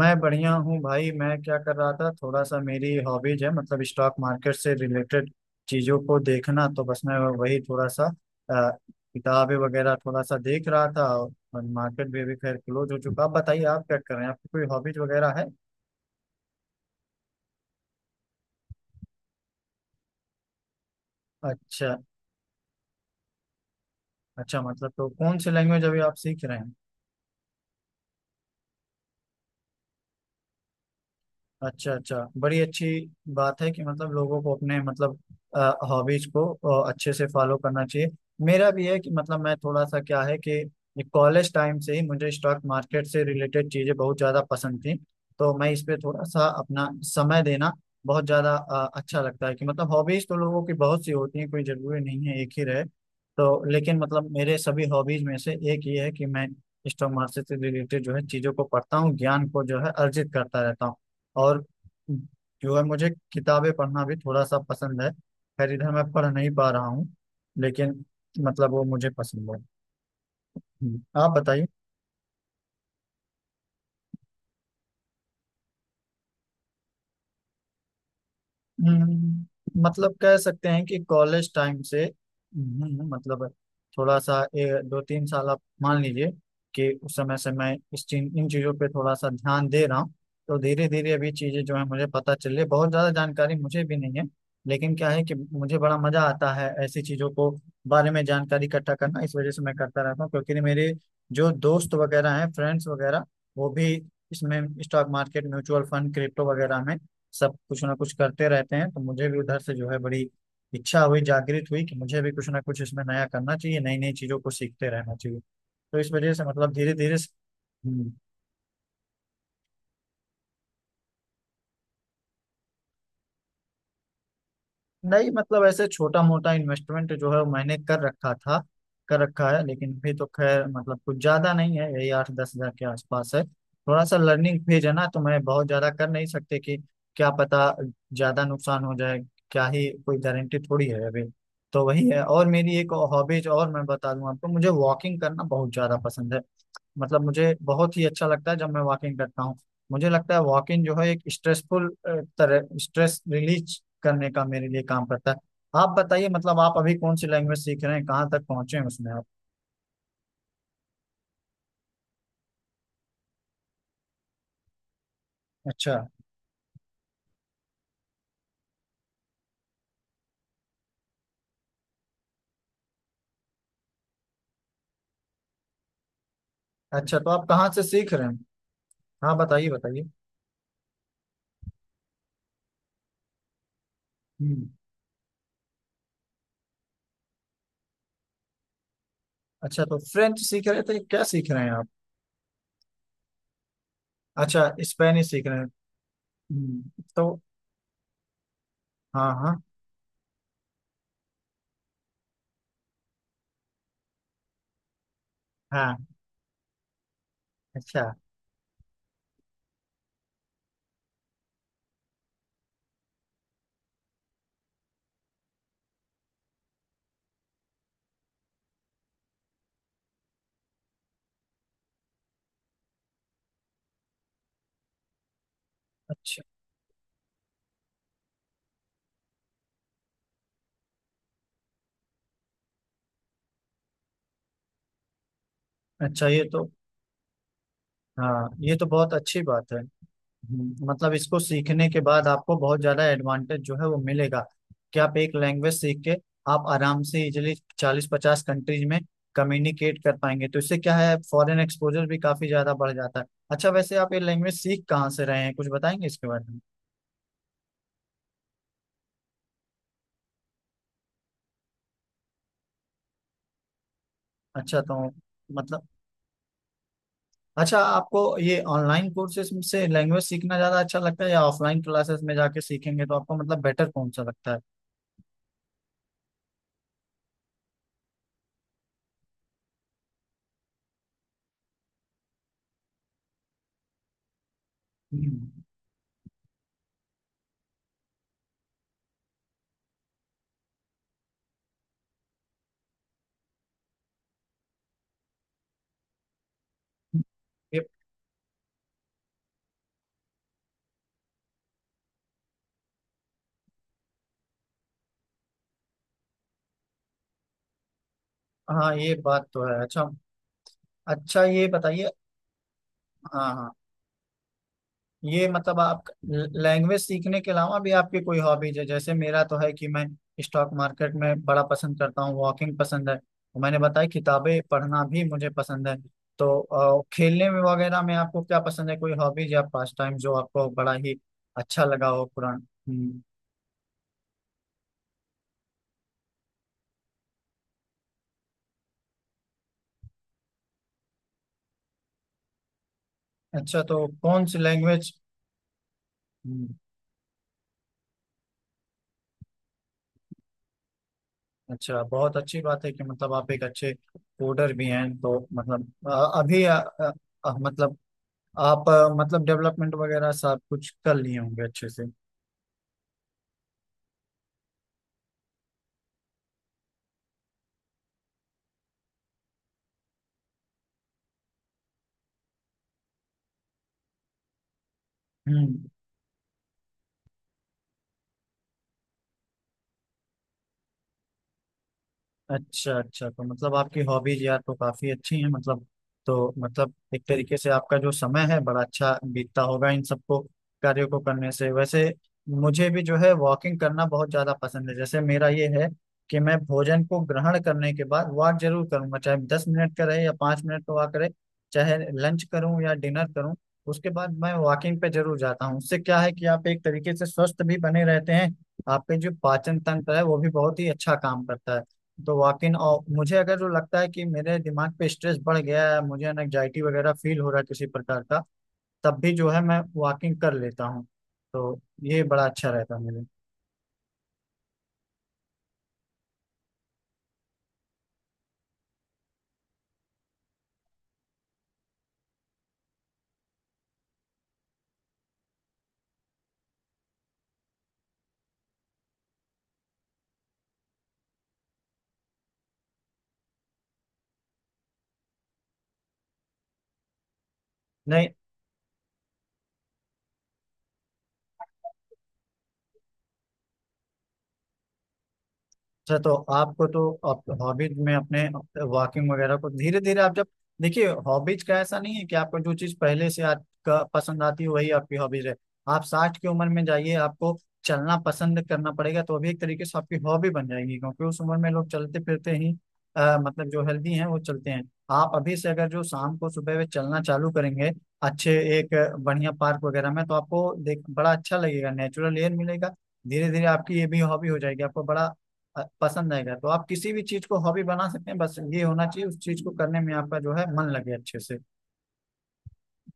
मैं बढ़िया हूँ भाई। मैं क्या कर रहा था, थोड़ा सा मेरी हॉबीज है मतलब स्टॉक मार्केट से रिलेटेड चीज़ों को देखना। तो बस मैं वही थोड़ा सा किताबें वगैरह थोड़ा सा देख रहा था। और मार्केट भी अभी खैर क्लोज हो चुका। आप बताइए, आप क्या कर रहे हैं? आपकी कोई हॉबीज वगैरह है? अच्छा। अच्छा मतलब तो कौन सी लैंग्वेज अभी आप सीख रहे हैं? अच्छा, अच्छा, बड़ी अच्छी बात है कि मतलब लोगों को अपने मतलब हॉबीज को अच्छे से फॉलो करना चाहिए। मेरा भी है कि मतलब मैं थोड़ा सा क्या है कि कॉलेज टाइम से ही मुझे स्टॉक मार्केट से रिलेटेड चीज़ें बहुत ज़्यादा पसंद थी। तो मैं इस पे थोड़ा सा अपना समय देना बहुत ज़्यादा अच्छा लगता है कि मतलब हॉबीज तो लोगों की बहुत सी होती हैं, कोई ज़रूरी नहीं है एक ही रहे। तो लेकिन मतलब मेरे सभी हॉबीज में से एक ये है कि मैं स्टॉक मार्केट से रिलेटेड जो है चीज़ों को पढ़ता हूँ, ज्ञान को जो है अर्जित करता रहता हूँ। और जो है मुझे किताबें पढ़ना भी थोड़ा सा पसंद है। खैर इधर मैं पढ़ नहीं पा रहा हूँ, लेकिन मतलब वो मुझे पसंद है। आप बताइए। मतलब कह सकते हैं कि कॉलेज टाइम से मतलब थोड़ा सा 2-3 साल आप मान लीजिए कि उस समय से मैं इस चीज इन चीज़ों पे थोड़ा सा ध्यान दे रहा हूँ। तो धीरे धीरे अभी चीज़ें जो है मुझे पता चल रही है। बहुत ज़्यादा जानकारी मुझे भी नहीं है, लेकिन क्या है कि मुझे बड़ा मज़ा आता है ऐसी चीज़ों को बारे में जानकारी इकट्ठा करना। इस वजह से मैं करता रहता हूँ, क्योंकि मेरे जो दोस्त वगैरह हैं, फ्रेंड्स वगैरह, वो भी इसमें stock market, mutual fund, crypto वगैरह में सब कुछ ना कुछ करते रहते हैं। तो मुझे भी उधर से जो है बड़ी इच्छा हुई, जागृत हुई, कि मुझे भी कुछ ना कुछ इसमें नया करना चाहिए, नई नई चीजों को सीखते रहना चाहिए। तो इस वजह से मतलब धीरे धीरे। नहीं मतलब ऐसे छोटा मोटा इन्वेस्टमेंट जो है मैंने कर रखा था, कर रखा है, लेकिन भी तो खैर मतलब कुछ ज्यादा नहीं है, यही 8-10 हजार के आसपास है। थोड़ा सा लर्निंग फेज है ना, तो मैं बहुत ज्यादा कर नहीं सकते कि क्या पता ज्यादा नुकसान हो जाए। क्या ही कोई गारंटी थोड़ी है अभी। तो वही है। और मेरी एक हॉबीज और मैं बता दूं आपको, मुझे वॉकिंग करना बहुत ज्यादा पसंद है। मतलब मुझे बहुत ही अच्छा लगता है जब मैं वॉकिंग करता हूँ। मुझे लगता है वॉकिंग जो है एक स्ट्रेसफुल तरह स्ट्रेस रिलीज करने का मेरे लिए काम करता है। आप बताइए, मतलब आप अभी कौन सी लैंग्वेज सीख रहे हैं, कहाँ तक पहुंचे हैं उसमें आप? अच्छा। अच्छा तो आप कहाँ से सीख रहे हैं? हाँ बताइए, बताइए। हम्म। अच्छा तो फ्रेंच सीख रहे थे, क्या सीख रहे हैं आप? अच्छा, स्पेनिश सीख रहे हैं। तो हाँ, हाँ, हाँ। अच्छा। अच्छा। अच्छा ये तो, हाँ ये तो बहुत अच्छी बात है। मतलब इसको सीखने के बाद आपको बहुत ज्यादा एडवांटेज जो है वो मिलेगा कि आप एक लैंग्वेज सीख के आप आराम से इजिली 40-50 कंट्रीज में कम्युनिकेट कर पाएंगे। तो इससे क्या है, फॉरेन एक्सपोजर भी काफी ज्यादा बढ़ जाता है। अच्छा वैसे आप ये लैंग्वेज सीख कहाँ से रहे हैं, कुछ बताएंगे इसके बारे में? अच्छा तो मतलब, अच्छा, आपको ये ऑनलाइन कोर्सेज से लैंग्वेज सीखना ज्यादा अच्छा लगता है या ऑफलाइन क्लासेस में जाके सीखेंगे तो आपको मतलब बेटर कौन सा लगता है? हम्म। ये- हाँ ये बात तो है। अच्छा। अच्छा ये बताइए। हाँ, हाँ। ये मतलब आप लैंग्वेज सीखने के अलावा भी आपकी कोई हॉबीज है? जैसे मेरा तो है कि मैं स्टॉक मार्केट में बड़ा पसंद करता हूँ, वॉकिंग पसंद है, मैंने बताया किताबें पढ़ना भी मुझे पसंद है। तो खेलने में वगैरह में आपको क्या पसंद है, कोई हॉबीज या पास टाइम जो आपको बड़ा ही अच्छा लगा हो पुराना? अच्छा तो कौन सी लैंग्वेज? हम्म, अच्छा, बहुत अच्छी बात है कि मतलब आप एक अच्छे कोडर भी हैं, तो मतलब अभी मतलब आप मतलब डेवलपमेंट वगैरह सब कुछ कर लिए होंगे अच्छे से। हम्म। अच्छा। अच्छा तो मतलब आपकी हॉबीज यार तो काफी अच्छी हैं मतलब, तो मतलब एक तरीके से आपका जो समय है बड़ा अच्छा बीतता होगा इन सबको कार्यों को करने से। वैसे मुझे भी जो है वॉकिंग करना बहुत ज्यादा पसंद है। जैसे मेरा ये है कि मैं भोजन को ग्रहण करने के बाद वॉक जरूर करूंगा, चाहे 10 मिनट का रहे या 5 मिनट का वॉक रहे। चाहे लंच करूं या डिनर करूं, उसके बाद मैं वॉकिंग पे जरूर जाता हूँ। उससे क्या है कि आप एक तरीके से स्वस्थ भी बने रहते हैं, आपके जो पाचन तंत्र है वो भी बहुत ही अच्छा काम करता है। तो वाकिन और मुझे अगर जो लगता है कि मेरे दिमाग पे स्ट्रेस बढ़ गया है, मुझे एनजाइटी वगैरह फील हो रहा है किसी प्रकार का, तब भी जो है मैं वॉकिंग कर लेता हूँ। तो ये बड़ा अच्छा रहता है मेरे लिए। नहीं। अच्छा तो आपको तो, आप हॉबीज में अपने वॉकिंग वगैरह को धीरे धीरे आप जब, देखिए हॉबीज का ऐसा नहीं है कि आपको जो चीज पहले से आपका पसंद आती है वही आपकी हॉबीज है। आप 60 की उम्र में जाइए, आपको चलना पसंद करना पड़ेगा। तो अभी एक तरीके से आपकी हॉबी बन जाएगी, क्योंकि उस उम्र में लोग चलते फिरते ही मतलब जो हेल्दी हैं वो चलते हैं। आप अभी से अगर जो शाम को सुबह वे चलना चालू करेंगे अच्छे एक बढ़िया पार्क वगैरह में, तो आपको देख बड़ा अच्छा लगेगा, नेचुरल एयर मिलेगा। धीरे धीरे आपकी ये भी हॉबी हो जाएगी, आपको बड़ा पसंद आएगा। तो आप किसी भी चीज को हॉबी बना सकते हैं, बस ये होना चाहिए उस चीज को करने में आपका जो है मन लगे अच्छे से।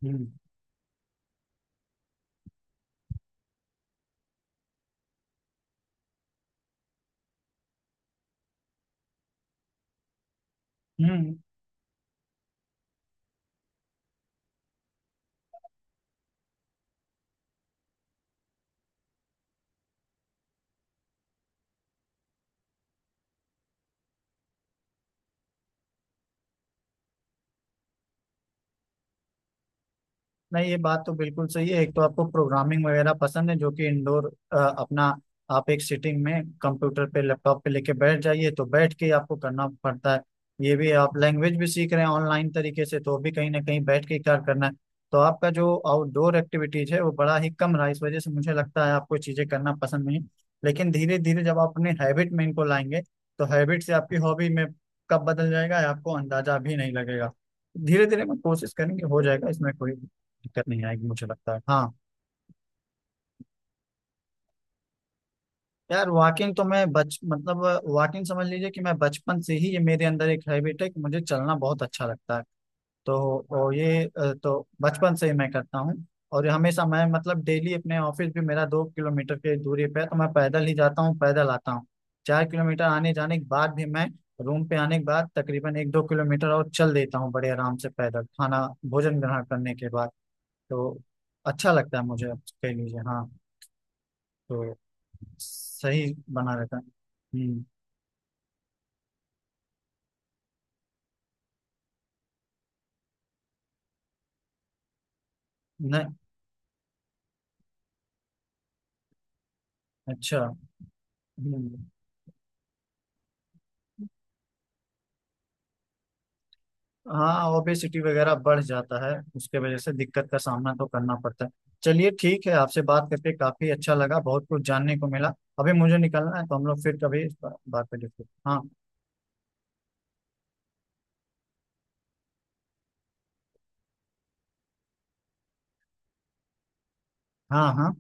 हम्म हम्म नहीं ये बात तो बिल्कुल सही है। एक तो आपको प्रोग्रामिंग वगैरह पसंद है जो कि इंडोर अपना, आप एक सिटिंग में कंप्यूटर पे लैपटॉप पे लेके बैठ जाइए तो बैठ के ही आपको करना पड़ता है। ये भी आप लैंग्वेज भी सीख रहे हैं ऑनलाइन तरीके से, तो भी कहीं ना कहीं बैठ के ही कार्य करना है। तो आपका जो आउटडोर एक्टिविटीज है वो बड़ा ही कम रहा, इस वजह से मुझे लगता है आपको चीजें करना पसंद नहीं। लेकिन धीरे धीरे जब आप अपने हैबिट में इनको लाएंगे, तो हैबिट से आपकी हॉबी में कब बदल जाएगा आपको अंदाजा भी नहीं लगेगा। धीरे धीरे मैं कोशिश करेंगे हो जाएगा, इसमें कोई दिक्कत नहीं आएगी मुझे लगता है। हाँ। यार वॉकिंग तो मैं बच मतलब वॉकिंग समझ लीजिए कि मैं बचपन से ही, ये मेरे अंदर एक हैबिट है कि मुझे चलना बहुत अच्छा लगता है। तो और ये तो बचपन से ही मैं करता हूँ। और ये हमेशा मैं मतलब डेली अपने ऑफिस भी, मेरा 2 किलोमीटर की दूरी पे है तो मैं पैदल ही जाता हूँ, पैदल आता हूँ। 4 किलोमीटर आने जाने के बाद भी मैं रूम पे आने के बाद तकरीबन 1-2 किलोमीटर और चल देता हूँ बड़े आराम से पैदल, खाना भोजन ग्रहण करने के बाद। तो अच्छा लगता है मुझे कह लीजिए। हाँ तो सही बना रहता है। हम्म। नहीं। अच्छा। हम्म। हाँ, ओबेसिटी वगैरह बढ़ जाता है, उसके वजह से दिक्कत का सामना तो करना पड़ता है। चलिए ठीक है, आपसे बात करके काफी अच्छा लगा, बहुत कुछ जानने को मिला। अभी मुझे निकलना है, तो हम लोग फिर कभी इस बात पे देखते हैं। हाँ। हाँ। हाँ।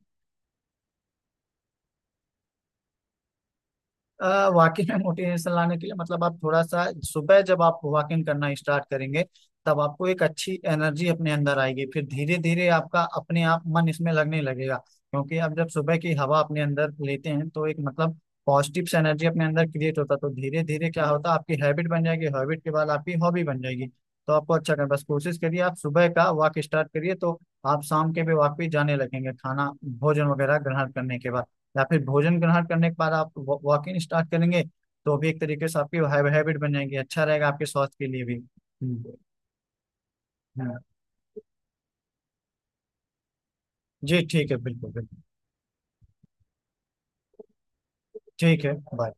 वाकई में मोटिवेशन लाने के लिए मतलब आप थोड़ा सा सुबह जब आप वॉकिंग करना स्टार्ट करेंगे, तब आपको एक अच्छी एनर्जी अपने अंदर आएगी, फिर धीरे धीरे आपका अपने आप मन इसमें लगने लगेगा, क्योंकि आप जब सुबह की हवा अपने अंदर लेते हैं तो एक मतलब पॉजिटिव से एनर्जी अपने अंदर क्रिएट होता है। तो धीरे धीरे क्या होता है, आपकी हैबिट बन जाएगी, हैबिट के बाद आपकी हॉबी बन जाएगी। तो आपको अच्छा करना बस, कोशिश करिए, आप सुबह का वॉक स्टार्ट करिए, तो आप शाम के भी वॉक पे जाने लगेंगे खाना भोजन वगैरह ग्रहण करने के बाद, या फिर भोजन ग्रहण करने के बाद आप वॉकिंग स्टार्ट करेंगे तो भी एक तरीके से आपकी हैबिट बन जाएंगी, अच्छा रहेगा आपके स्वास्थ्य के लिए भी। हम्म, हाँ। जी ठीक है, बिल्कुल बिल्कुल। ठीक है, बाय।